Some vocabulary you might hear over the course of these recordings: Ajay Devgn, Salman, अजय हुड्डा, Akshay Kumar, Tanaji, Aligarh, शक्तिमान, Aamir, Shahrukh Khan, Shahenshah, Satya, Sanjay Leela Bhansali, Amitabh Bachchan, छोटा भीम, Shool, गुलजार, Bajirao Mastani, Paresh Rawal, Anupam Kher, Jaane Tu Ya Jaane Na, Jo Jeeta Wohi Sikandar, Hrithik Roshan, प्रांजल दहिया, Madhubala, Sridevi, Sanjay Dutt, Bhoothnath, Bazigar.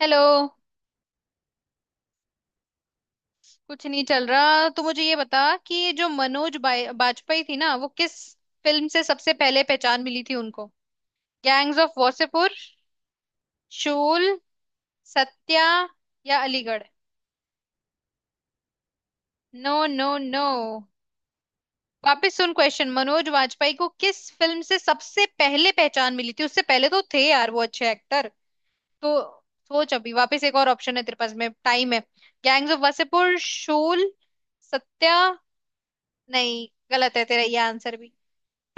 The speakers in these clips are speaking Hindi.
हेलो। कुछ नहीं चल रहा, तो मुझे ये बता कि ये जो मनोज बाजपेयी थी ना, वो किस फिल्म से सबसे पहले पहचान मिली थी उनको? गैंग्स ऑफ वासेपुर, शूल, सत्या या अलीगढ़। No no no. वापस सुन क्वेश्चन। मनोज वाजपेयी को किस फिल्म से सबसे पहले पहचान मिली थी? उससे पहले तो थे यार वो अच्छे एक्टर, तो सोच। अभी वापस एक और ऑप्शन है तेरे पास, में टाइम है। Gangs of Wasseypur, Shool, Satya. नहीं, गलत है तेरा ये आंसर भी।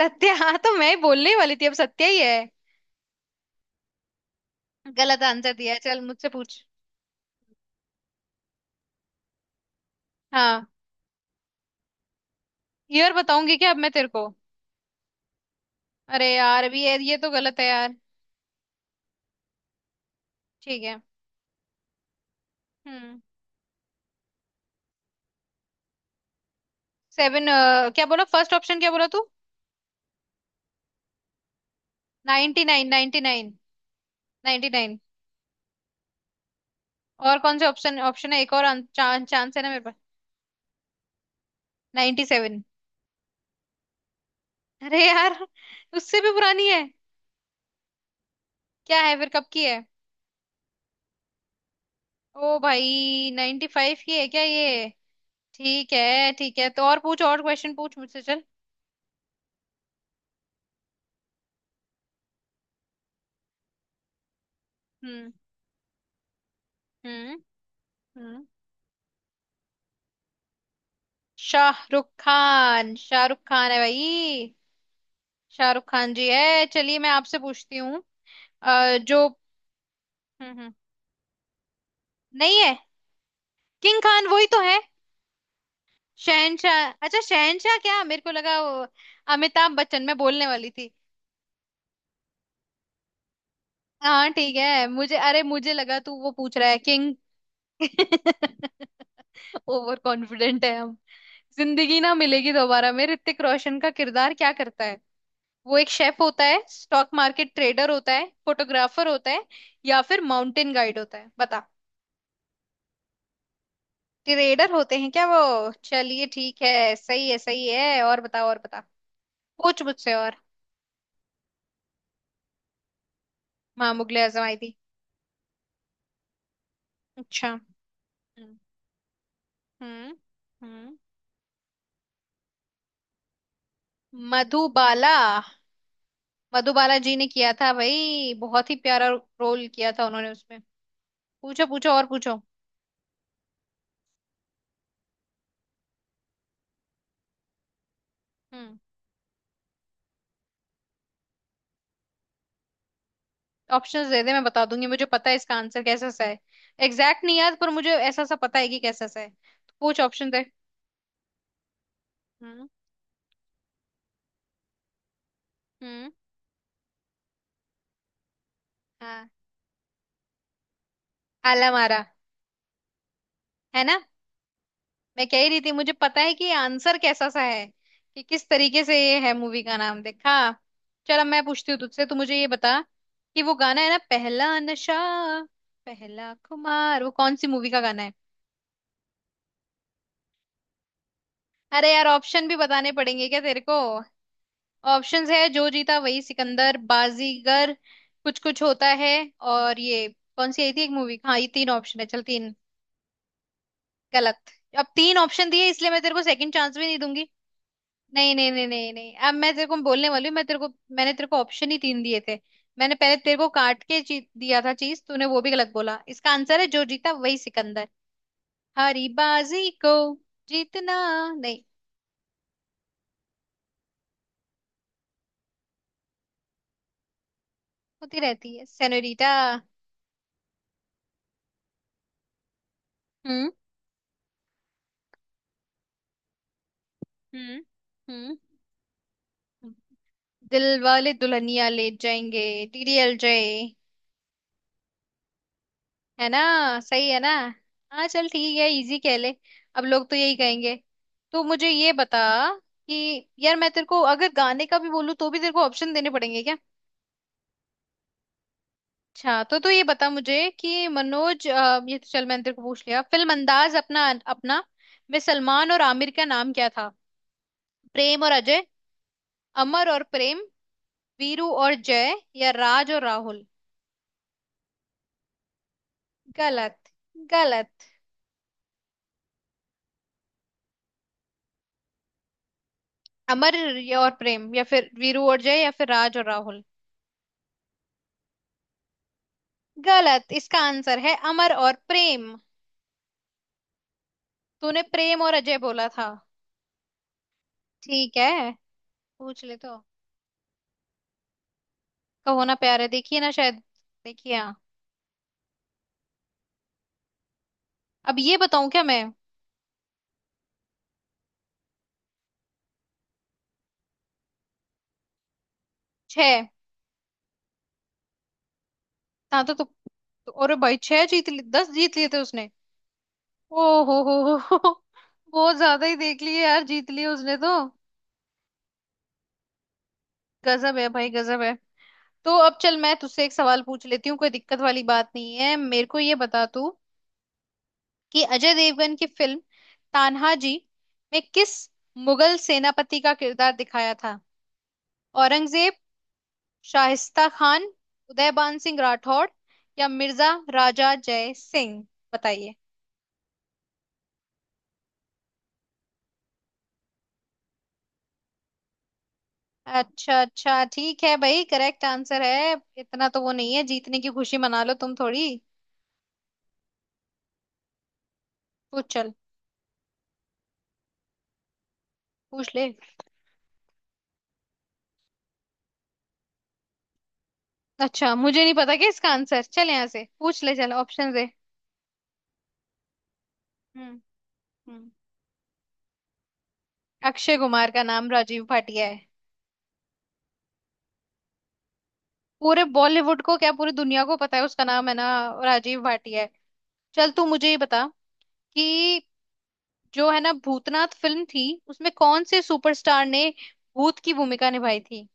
सत्या, हाँ, तो मैं बोलने ही वाली थी, अब सत्या ही है। गलत आंसर दिया है, चल मुझसे पूछ। हाँ। ये और बताऊंगी क्या अब मैं तेरे को? अरे यार, अभी ये तो गलत है यार। ठीक है। हम्म। सेवन। क्या बोला फर्स्ट ऑप्शन, क्या बोला तू? Ninety nine ninety nine. Ninety nine. और कौन से ऑप्शन, ऑप्शन है एक और? चांस, चांस है ना मेरे पास? Ninety seven. अरे यार, उससे भी पुरानी है। क्या है फिर, कब की है? ओ भाई, नाइनटी फाइव की है क्या ये? ठीक है ठीक है। तो और पूछ, और क्वेश्चन पूछ मुझसे, चल। हम्म। हम्म। हम्म। शाहरुख खान। शाहरुख खान है भाई। शाहरुख खान जी है। चलिए, मैं आपसे पूछती हूँ। जो... हम्म। हम्म। नहीं है। किंग खान वही तो है। शहनशाह? अच्छा, शहनशाह! क्या, मेरे को लगा वो... अमिताभ बच्चन मैं बोलने वाली थी। हाँ ठीक है मुझे, अरे मुझे लगा तू वो पूछ रहा है, किंग। ओवर कॉन्फिडेंट है हम। जिंदगी ना मिलेगी दोबारा में ऋतिक रोशन का किरदार क्या करता है? वो एक शेफ होता है, स्टॉक मार्केट ट्रेडर होता है, फोटोग्राफर होता है, या फिर माउंटेन गाइड होता है? बता। ट्रेडर होते हैं क्या वो? चलिए ठीक है। सही है, सही है। और बता, और बता। पूछ मुझसे, और। माँ, मुगले आजम आई थी। अच्छा। हम्म। हम्म। हम्म। मधुबाला। मधुबाला जी ने किया था भाई, बहुत ही प्यारा रोल किया था उन्होंने उसमें। पूछो, पूछो और पूछो। हम्म। ऑप्शंस दे दे, मैं बता दूंगी। मुझे पता है इसका आंसर कैसा सा है। एग्जैक्ट नहीं याद, पर मुझे ऐसा सा पता है कि कैसा सा है, तो पूछ ऑप्शन दे। हम्म। हम्म। हाँ। आला मारा, है ना? मैं कह ही रही थी, मुझे पता है कि आंसर कैसा सा है, कि किस तरीके से ये है मूवी का नाम, देखा? चल, अब मैं पूछती हूँ तुझसे। तू मुझे ये बता कि वो गाना है ना, पहला नशा पहला खुमार, वो कौन सी मूवी का गाना है? अरे यार, ऑप्शन भी बताने पड़ेंगे क्या तेरे को? ऑप्शंस है जो जीता वही सिकंदर, बाजीगर, कुछ कुछ होता है, और ये... कौन सी आई थी एक मूवी, हाँ। ये तीन ऑप्शन है, चल तीन। गलत। अब तीन ऑप्शन दिए, इसलिए मैं तेरे को सेकंड चांस भी नहीं दूंगी। नहीं नहीं नहीं नहीं नहीं, अब मैं तेरे को बोलने वाली हूँ मैं तेरे को। मैंने तेरे को ऑप्शन ही तीन दिए थे। मैंने पहले तेरे को काट के दिया था चीज, तूने वो भी गलत बोला। इसका आंसर है जो जीता वही सिकंदर। हारी बाजी को जीतना। नहीं। होती रहती है सेनोरीटा। हम्म। हम्म। हम्म। दिल वाले दुल्हनिया ले जाएंगे। डीडीएलजे है ना? सही है ना? हाँ चल ठीक है, इजी कह ले। अब लोग तो यही कहेंगे। तो मुझे ये बता कि यार, मैं तेरे को अगर गाने का भी बोलूँ, तो भी तेरे को ऑप्शन देने पड़ेंगे क्या? अच्छा, तो तू ये बता मुझे कि मनोज... ये तो चल मैंने तेरे को पूछ लिया। फिल्म अंदाज अपना अपना में सलमान और आमिर का नाम क्या था? प्रेम और अजय, अमर और प्रेम, वीरू और जय या राज और राहुल? गलत। गलत। अमर या और प्रेम, या फिर वीरू और जय, या फिर राज और राहुल? गलत। इसका आंसर है अमर और प्रेम। तूने प्रेम और अजय बोला था। ठीक है। पूछ ले तो। कहो ना प्यार है, देखिए ना शायद, देखिए हाँ। अब ये बताऊं क्या मैं? छह। हाँ तो अरे भाई, छह जीत लिए, दस जीत लिए थे उसने। ओ हो हो। बहुत ज्यादा ही देख लिए यार, जीत लिए उसने तो। गजब है भाई, गजब है। तो अब चल, मैं तुझसे एक सवाल पूछ लेती हूँ, कोई दिक्कत वाली बात नहीं है। मेरे को ये बता तू, कि अजय देवगन की फिल्म तान्हाजी में किस मुगल सेनापति का किरदार दिखाया था? औरंगजेब, शाहिस्ता खान, उदयबान सिंह राठौड़ या मिर्जा राजा जय सिंह। बताइए। अच्छा, अच्छा ठीक है भाई, करेक्ट आंसर है। इतना तो वो नहीं है, जीतने की खुशी मना लो तुम थोड़ी। पूछ चल। पूछ ले। अच्छा मुझे नहीं पता क्या इसका आंसर, चल यहाँ से पूछ ले, चल ऑप्शन दे। हम्म। हम्म। अक्षय कुमार का नाम राजीव भाटिया है। पूरे बॉलीवुड को क्या, पूरी दुनिया को पता है उसका नाम है ना राजीव भाटिया है। चल तू मुझे ये बता कि जो है ना भूतनाथ फिल्म थी, उसमें कौन से सुपरस्टार ने भूत की भूमिका निभाई थी?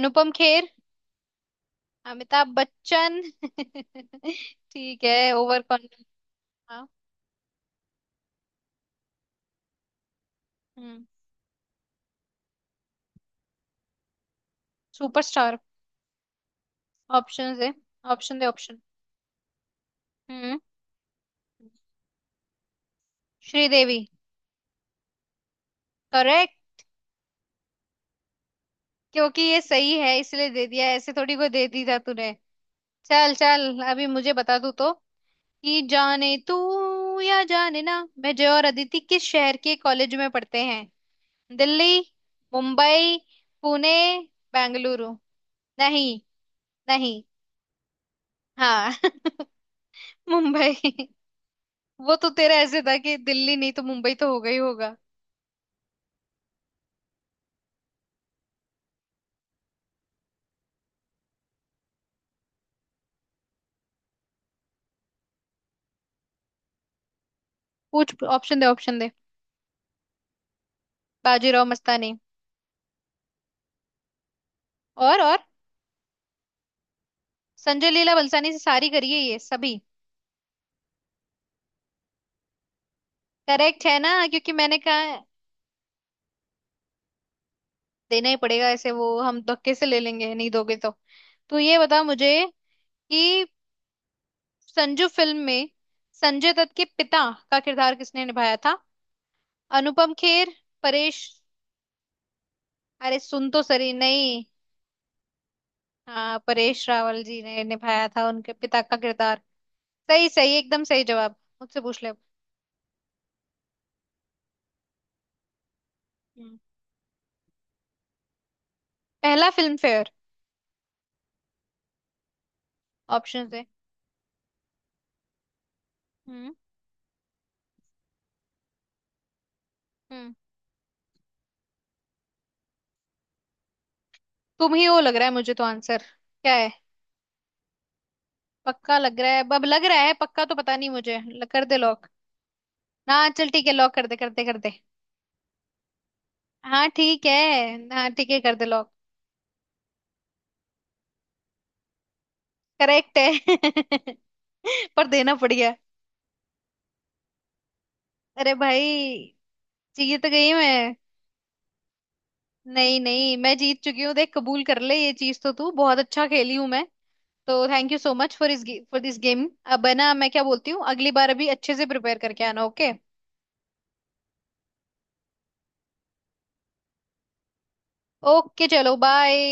अनुपम खेर, अमिताभ बच्चन। ठीक है, ओवर कॉन्फिडेंस। हाँ। हम्म। सुपरस्टार। ऑप्शन दे, ऑप्शन दे ऑप्शन। हम्म। श्रीदेवी। करेक्ट, क्योंकि ये सही है इसलिए दे दिया, ऐसे थोड़ी को दे दी था तूने। चल चल, अभी मुझे बता तू तो, कि जाने तू या जाने ना मैं जय और अदिति किस शहर के कॉलेज में पढ़ते हैं? दिल्ली, मुंबई, पुणे, बेंगलुरु। नहीं। नहीं। हाँ। मुंबई। वो तो तेरा ऐसे था कि दिल्ली नहीं तो मुंबई तो होगा ही होगा। पूछ ऑप्शन दे, ऑप्शन दे। बाजीराव मस्तानी। और और? संजय लीला बलसानी से सारी करिए, ये सभी। करेक्ट है ना, क्योंकि मैंने कहा है। देना ही पड़ेगा, ऐसे वो हम धक्के से ले लेंगे नहीं दोगे तो। तू ये बता मुझे कि संजू फिल्म में संजय दत्त के पिता का किरदार किसने निभाया था? अनुपम खेर, परेश... अरे सुन तो सही। नहीं। हाँ, परेश रावल जी ने निभाया था उनके पिता का किरदार। सही सही एकदम, सही जवाब। मुझसे पूछ ले अब। हम्म। पहला फिल्म फेयर। ऑप्शन है। हम्म। हम्म। तुम ही हो लग रहा है मुझे तो आंसर। क्या है? पक्का लग रहा है, अब लग रहा है पक्का। तो पता नहीं मुझे, कर दे लॉक। हाँ चल ठीक है, लॉक कर दे, कर दे कर दे। हाँ ठीक है। हाँ ठीक है, कर दे लॉक। करेक्ट है। पर देना पड़ गया। अरे भाई, जीत गई मैं। नहीं नहीं, मैं जीत चुकी हूँ। देख, कबूल कर ले ये चीज तो। तू बहुत अच्छा खेली हूँ मैं, तो thank you so much for इस, फॉर दिस गेम। अब है ना, मैं क्या बोलती हूँ, अगली बार अभी अच्छे से प्रिपेयर करके आना, ओके? ओके चलो, बाय।